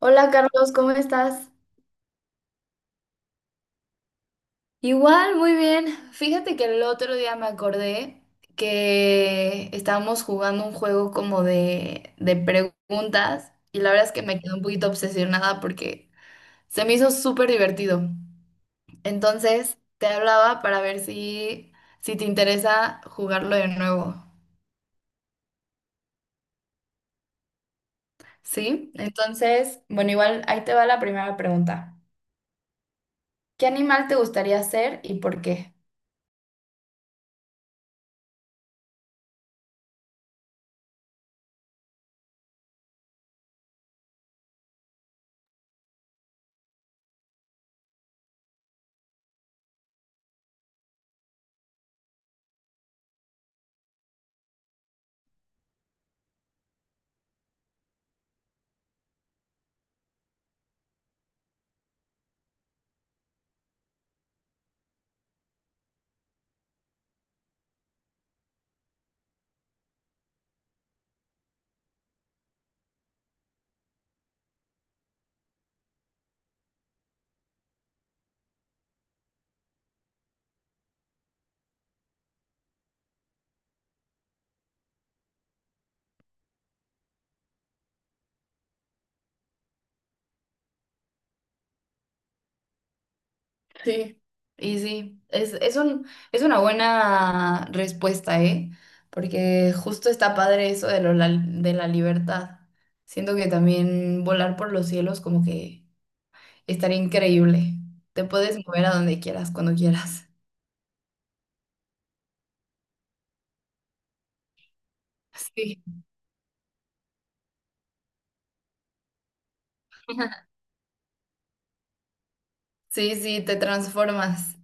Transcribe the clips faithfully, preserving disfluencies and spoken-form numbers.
Hola Carlos, ¿cómo estás? Igual, muy bien. Fíjate que el otro día me acordé que estábamos jugando un juego como de, de preguntas y la verdad es que me quedé un poquito obsesionada porque se me hizo súper divertido. Entonces, te hablaba para ver si, si te interesa jugarlo de nuevo. ¿Sí? Entonces, bueno, igual ahí te va la primera pregunta. ¿Qué animal te gustaría ser y por qué? Sí, y sí, es, es un, es una buena respuesta, ¿eh? Porque justo está padre eso de, lo, la- de la libertad. Siento que también volar por los cielos como que estaría increíble. Te puedes mover a donde quieras, cuando quieras. Sí. Sí, sí, te transformas.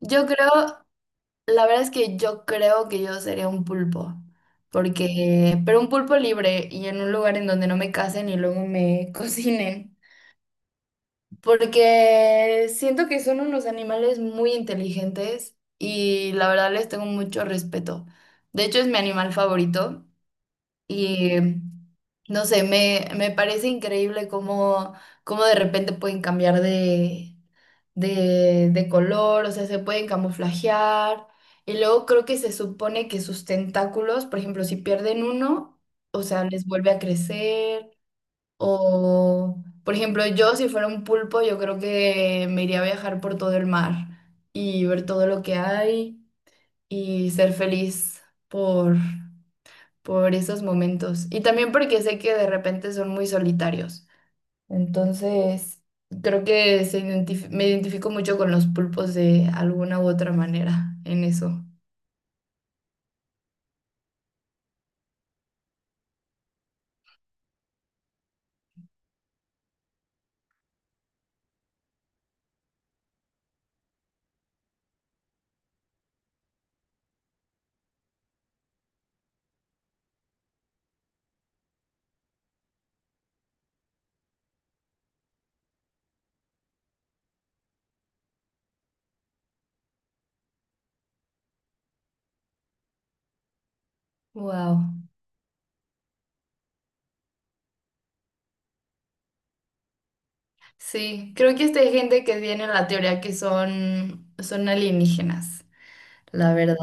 Yo creo, la verdad es que yo creo que yo sería un pulpo, porque, pero un pulpo libre y en un lugar en donde no me casen y luego me cocinen. Porque siento que son unos animales muy inteligentes y la verdad les tengo mucho respeto. De hecho, es mi animal favorito y no sé, me, me parece increíble cómo, cómo de repente pueden cambiar de, de, de color, o sea, se pueden camuflajear. Y luego creo que se supone que sus tentáculos, por ejemplo, si pierden uno, o sea, les vuelve a crecer. O, por ejemplo, yo si fuera un pulpo, yo creo que me iría a viajar por todo el mar y ver todo lo que hay y ser feliz por, por esos momentos. Y también porque sé que de repente son muy solitarios. Entonces, creo que se identif- me identifico mucho con los pulpos de alguna u otra manera en eso. Wow. Sí, creo que esta hay gente que tiene la teoría que son, son alienígenas. La verdad.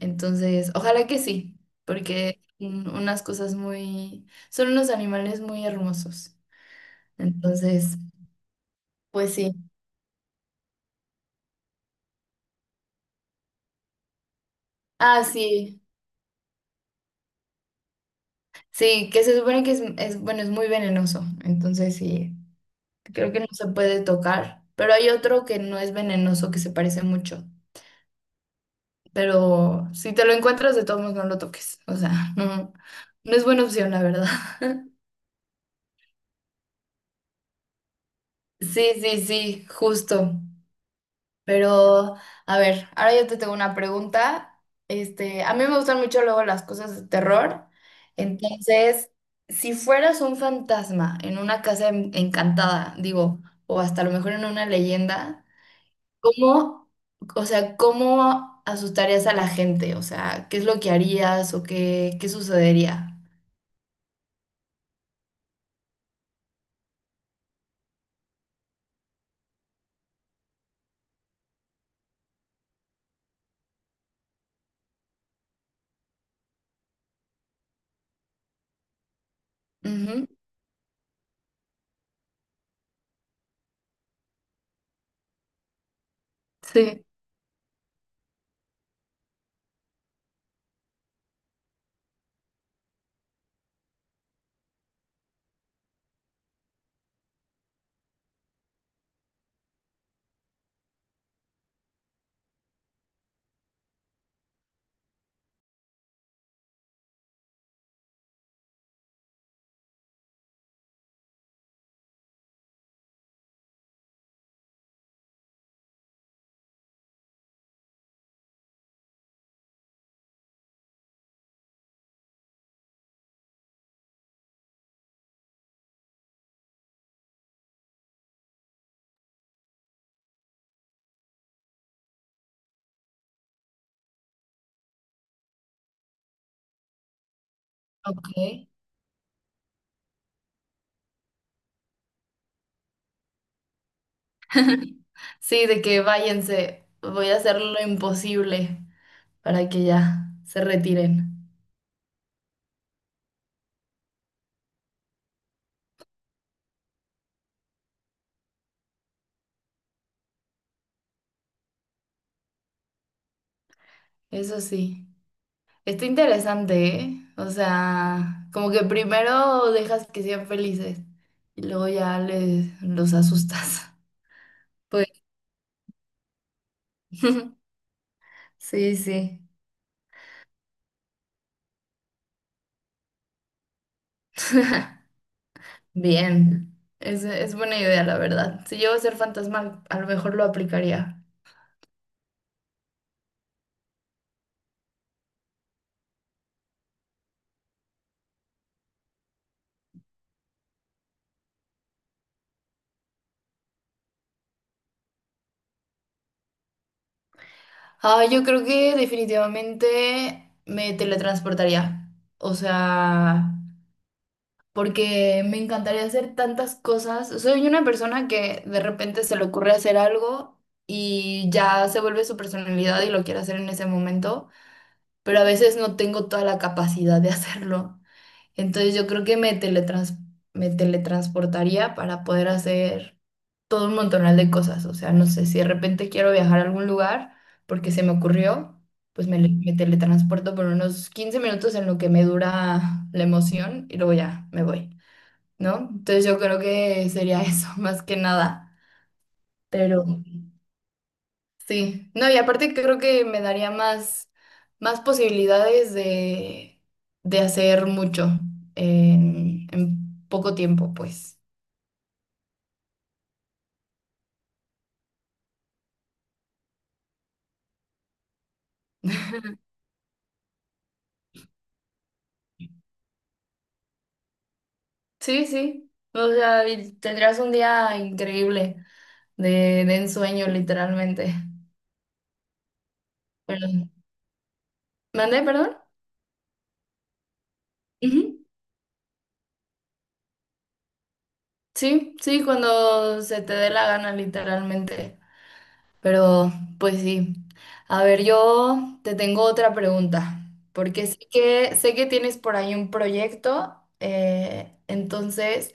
Entonces, ojalá que sí, porque son unas cosas muy, son unos animales muy hermosos. Entonces, pues sí. Ah, sí, sí, que se supone que es, es, bueno, es muy venenoso. Entonces, sí, creo que no se puede tocar, pero hay otro que no es venenoso, que se parece mucho. Pero si te lo encuentras, de todos modos no lo toques. O sea, no, no es buena opción, la verdad. Sí, sí, sí, justo. Pero, a ver, ahora yo te tengo una pregunta. Este, a mí me gustan mucho luego las cosas de terror. Entonces, si fueras un fantasma en una casa en- encantada, digo, o hasta a lo mejor en una leyenda, ¿cómo, o sea, cómo asustarías a la gente? O sea, ¿qué es lo que harías o qué, qué sucedería? Ujú, sí, ok. Sí, de que váyanse, voy a hacer lo imposible para que ya se retiren. Eso sí, está interesante, ¿eh? O sea, como que primero dejas que sean felices y luego ya les los asustas. Pues sí, sí, bien. Es, es buena idea, la verdad. Si yo a ser fantasma, a lo mejor lo aplicaría. Ah, yo creo que definitivamente me teletransportaría. O sea, porque me encantaría hacer tantas cosas. Soy una persona que de repente se le ocurre hacer algo y ya se vuelve su personalidad y lo quiere hacer en ese momento, pero a veces no tengo toda la capacidad de hacerlo. Entonces yo creo que me teletrans- me teletransportaría para poder hacer todo un montonal de cosas. O sea, no sé, si de repente quiero viajar a algún lugar porque se me ocurrió. Pues me, le- me teletransporto por unos quince minutos en lo que me dura la emoción y luego ya me voy. ¿No? Entonces yo creo que sería eso, más que nada. Pero sí, no, y aparte creo que me daría más, más posibilidades de, de hacer mucho en, en poco tiempo, pues. Sí, sí. O sea, y tendrías un día increíble de, de ensueño, literalmente. Pero, ¿mandé, perdón? Ujú. Sí, sí, cuando se te dé la gana, literalmente. Pero, pues sí. A ver, yo te tengo otra pregunta, porque sé que, sé que tienes por ahí un proyecto, eh, entonces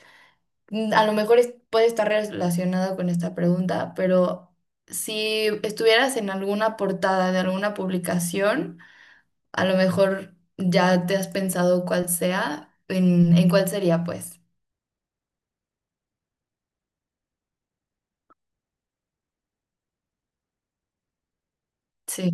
mm, a lo mejor es- puede estar relacionado con esta pregunta, pero si estuvieras en alguna portada de alguna publicación, a lo mejor ya te has pensado cuál sea, en, en cuál sería, pues. Sí.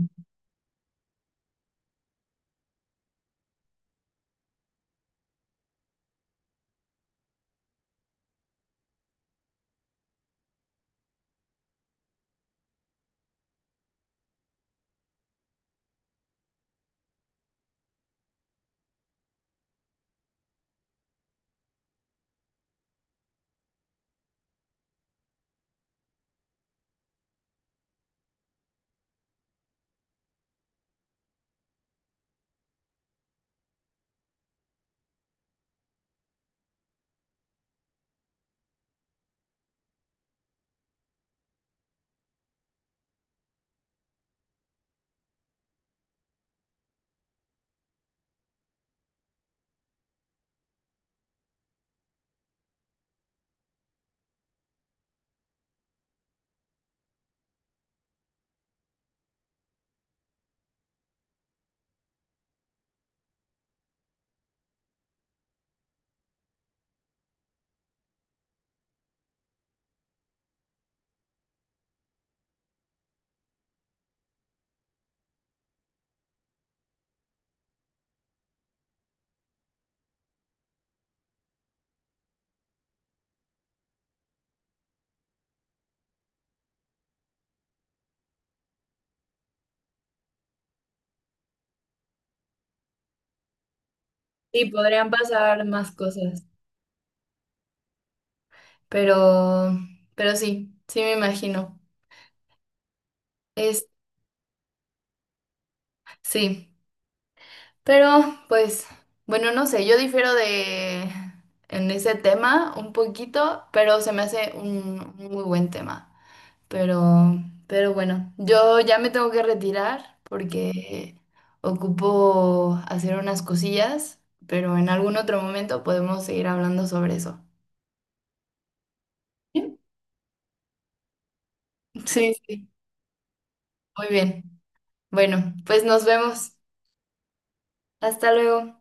Sí, podrían pasar más cosas, pero, pero sí, sí me imagino. Sí, pero pues, bueno, no sé, yo difiero de en ese tema un poquito, pero se me hace un un muy buen tema. Pero, pero bueno, yo ya me tengo que retirar porque ocupo hacer unas cosillas, pero en algún otro momento podemos seguir hablando sobre eso. Sí, sí, muy bien. Bueno, pues nos vemos. Hasta luego.